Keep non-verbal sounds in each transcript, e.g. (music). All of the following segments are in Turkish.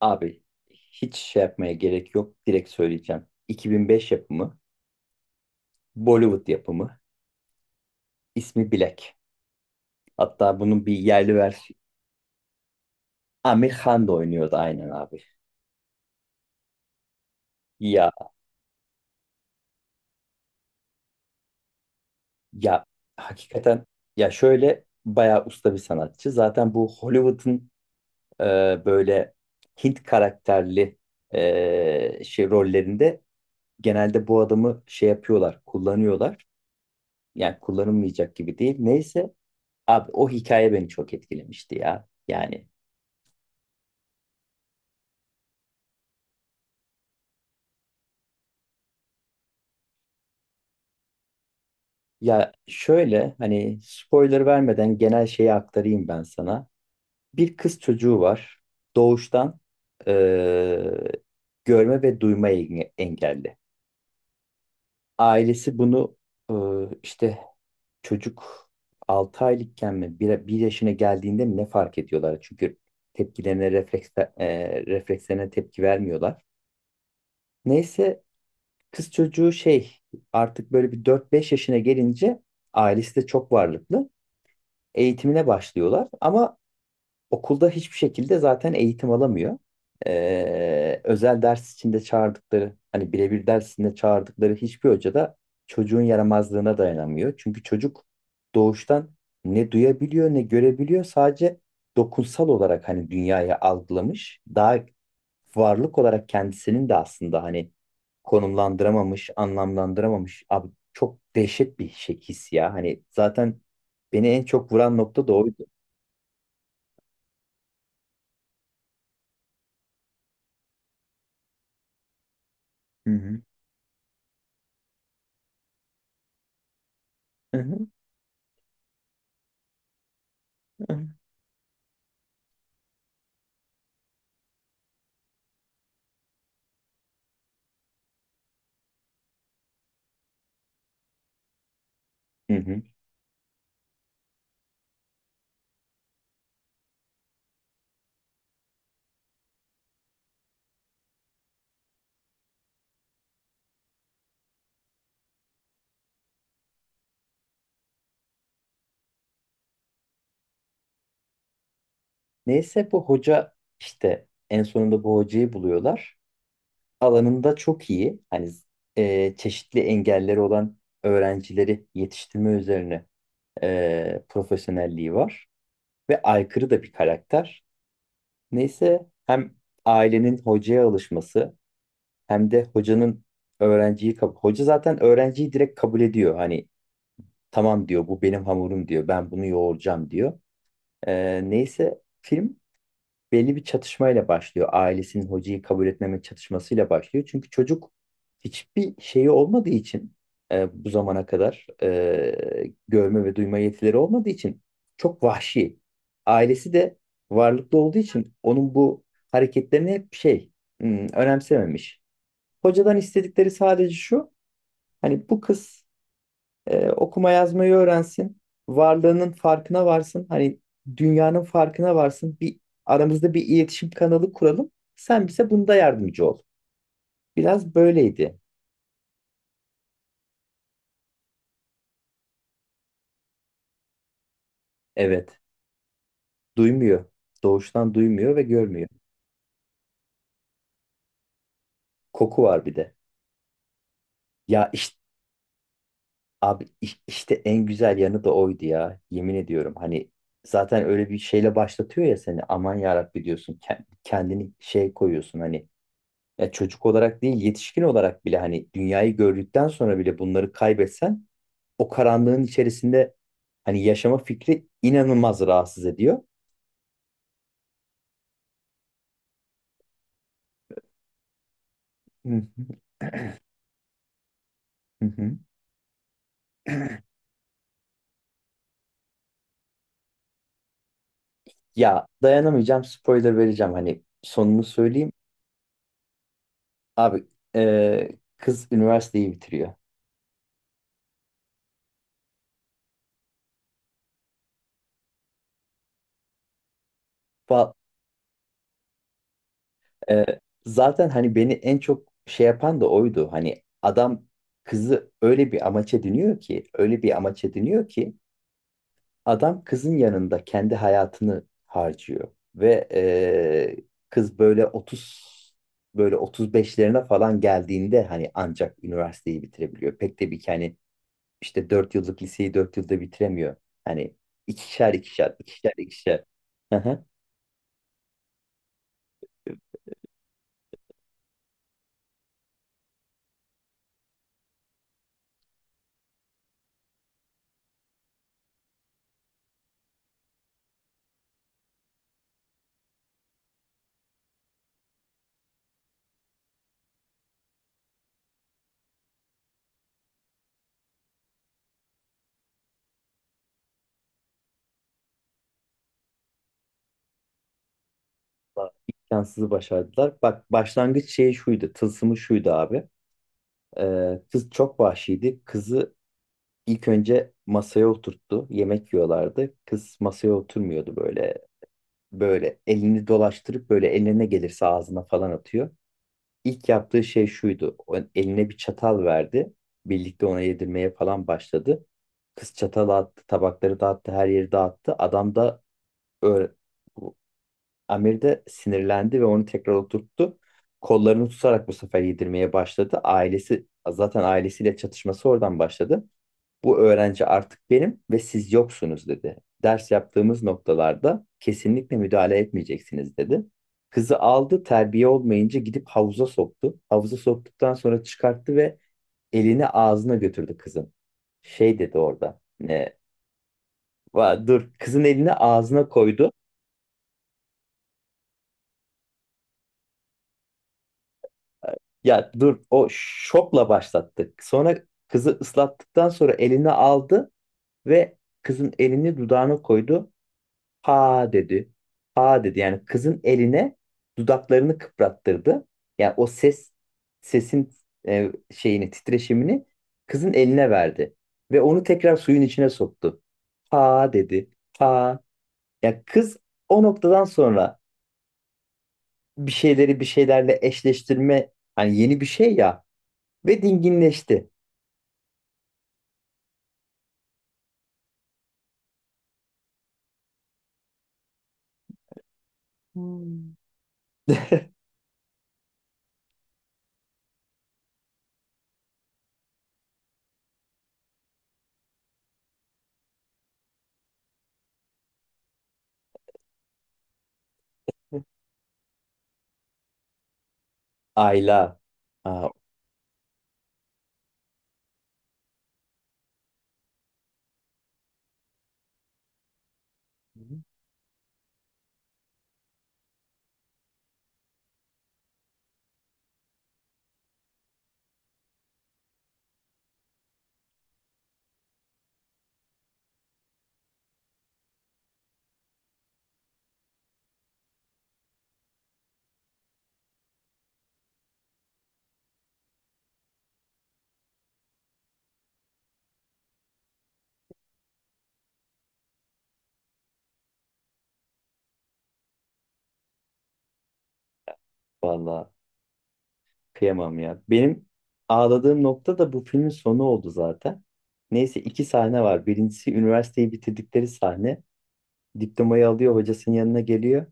Abi hiç şey yapmaya gerek yok. Direkt söyleyeceğim. 2005 yapımı, Bollywood yapımı, ismi Black. Hatta bunun bir yerli versiyonu. Amir Khan da oynuyordu aynen abi. Ya ya hakikaten, ya şöyle bayağı usta bir sanatçı. Zaten bu Hollywood'un e, böyle Hint karakterli şey rollerinde genelde bu adamı şey yapıyorlar, kullanıyorlar. Yani kullanılmayacak gibi değil. Neyse, abi o hikaye beni çok etkilemişti ya. Yani ya şöyle hani spoiler vermeden genel şeyi aktarayım ben sana. Bir kız çocuğu var. Doğuştan eee, görme ve duyma engelli. Ailesi bunu işte çocuk 6 aylıkken mi bir yaşına geldiğinde mi ne fark ediyorlar? Çünkü tepkilerine refleks, reflekslerine tepki vermiyorlar. Neyse kız çocuğu şey artık böyle bir dört beş yaşına gelince ailesi de çok varlıklı. Eğitimine başlıyorlar ama okulda hiçbir şekilde zaten eğitim alamıyor. Özel ders içinde çağırdıkları, hani birebir dersinde çağırdıkları hiçbir hoca da çocuğun yaramazlığına dayanamıyor. Çünkü çocuk doğuştan ne duyabiliyor ne görebiliyor. Sadece dokunsal olarak hani dünyayı algılamış. Daha varlık olarak kendisinin de aslında hani konumlandıramamış, anlamlandıramamış. Abi çok dehşet bir şey his ya. Hani zaten beni en çok vuran nokta da oydu. Hı hı. Hı hı. Hı hı. Neyse bu hoca işte en sonunda bu hocayı buluyorlar. Alanında çok iyi. Hani çeşitli engelleri olan öğrencileri yetiştirme üzerine profesyonelliği var. Ve aykırı da bir karakter. Neyse hem ailenin hocaya alışması hem de hocanın öğrenciyi kabul... Hoca zaten öğrenciyi direkt kabul ediyor. Hani tamam diyor, bu benim hamurum diyor. Ben bunu yoğuracağım diyor. Neyse film belli bir çatışmayla başlıyor. Ailesinin hocayı kabul etmeme çatışmasıyla başlıyor. Çünkü çocuk hiçbir şeyi olmadığı için bu zamana kadar görme ve duyma yetileri olmadığı için çok vahşi. Ailesi de varlıklı olduğu için onun bu hareketlerini hep şey önemsememiş. Hocadan istedikleri sadece şu. Hani bu kız okuma yazmayı öğrensin. Varlığının farkına varsın. Hani dünyanın farkına varsın. Aramızda bir iletişim kanalı kuralım. Sen bize bunda yardımcı ol. Biraz böyleydi. Evet. Duymuyor. Doğuştan duymuyor ve görmüyor. Koku var bir de. Ya işte abi işte en güzel yanı da oydu ya. Yemin ediyorum. Hani zaten öyle bir şeyle başlatıyor ya seni. Aman yarabbi diyorsun. Kendini şey koyuyorsun hani, ya çocuk olarak değil, yetişkin olarak bile hani dünyayı gördükten sonra bile bunları kaybetsen o karanlığın içerisinde hani yaşama fikri inanılmaz rahatsız ediyor. Hı hı hı. Ya dayanamayacağım, spoiler vereceğim, hani sonunu söyleyeyim. Abi e, kız üniversiteyi bitiriyor. Fa- e, Zaten hani beni en çok şey yapan da oydu. Hani adam kızı öyle bir amaç ediniyor ki, öyle bir amaç ediniyor ki, adam kızın yanında kendi hayatını harcıyor ve kız böyle otuz beşlerine falan geldiğinde hani ancak üniversiteyi bitirebiliyor. Pek de bir hani işte 4 yıllık liseyi 4 yılda bitiremiyor. Hani ikişer ikişer ikişer ikişer. Hı hı. Bak, imkansızı başardılar. Bak başlangıç şeyi şuydu. Tılsımı şuydu abi. Kız çok vahşiydi. Kızı ilk önce masaya oturttu. Yemek yiyorlardı. Kız masaya oturmuyordu böyle, böyle elini dolaştırıp böyle eline gelirse ağzına falan atıyor. İlk yaptığı şey şuydu. O eline bir çatal verdi. Birlikte ona yedirmeye falan başladı. Kız çatalı attı, tabakları dağıttı, her yeri dağıttı. Adam da öyle, bu- Amir de sinirlendi ve onu tekrar oturttu. Kollarını tutarak bu sefer yedirmeye başladı. Ailesi zaten, ailesiyle çatışması oradan başladı. Bu öğrenci artık benim ve siz yoksunuz dedi. Ders yaptığımız noktalarda kesinlikle müdahale etmeyeceksiniz dedi. Kızı aldı, terbiye olmayınca gidip havuza soktu. Havuza soktuktan sonra çıkarttı ve elini ağzına götürdü kızın. Şey dedi orada. Ne? "Va- dur," kızın elini ağzına koydu. Ya dur, o şokla başlattı. Sonra kızı ıslattıktan sonra elini aldı ve kızın elini dudağına koydu. Aa dedi. Aa dedi. Yani kızın eline dudaklarını kıprattırdı. Yani o ses sesin şeyini, titreşimini kızın eline verdi ve onu tekrar suyun içine soktu. Ha dedi. Ha. Ya kız o noktadan sonra bir şeyleri bir şeylerle eşleştirme, hani yeni bir şey ya, ve dinginleşti. Ayla. Aa, vallahi. Kıyamam ya. Benim ağladığım nokta da bu filmin sonu oldu zaten. Neyse iki sahne var. Birincisi üniversiteyi bitirdikleri sahne. Diplomayı alıyor, hocasının yanına geliyor.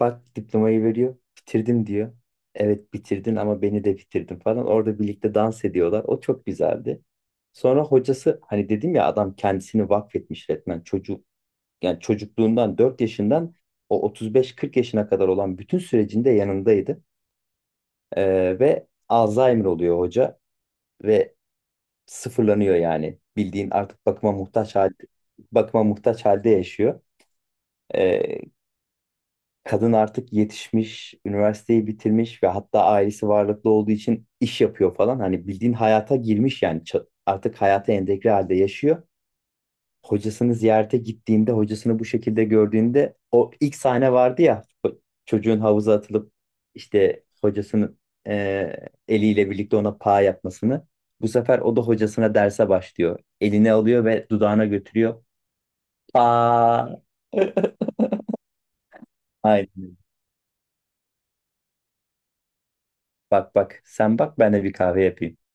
Bak diplomayı veriyor. Bitirdim diyor. Evet bitirdin ama beni de bitirdin falan. Orada birlikte dans ediyorlar. O çok güzeldi. Sonra hocası hani dedim ya, adam kendisini vakfetmiş resmen, çocuk yani çocukluğundan, 4 yaşından o 35-40 yaşına kadar olan bütün sürecinde yanındaydı. Ve Alzheimer oluyor hoca ve sıfırlanıyor yani. Bildiğin artık bakıma muhtaç halde, bakıma muhtaç halde yaşıyor. Ee, Kadın artık yetişmiş, üniversiteyi bitirmiş ve hatta ailesi varlıklı olduğu için iş yapıyor falan. Hani bildiğin hayata girmiş yani, artık hayata entegre halde yaşıyor. Hocasını ziyarete gittiğinde, hocasını bu şekilde gördüğünde o ilk sahne vardı ya, o çocuğun havuza atılıp işte hocasının eliyle birlikte ona pa yapmasını. Bu sefer o da hocasına derse başlıyor. Eline alıyor ve dudağına götürüyor. Pa. (laughs) Aynen. Bak bak sen bak, ben de bir kahve yapayım.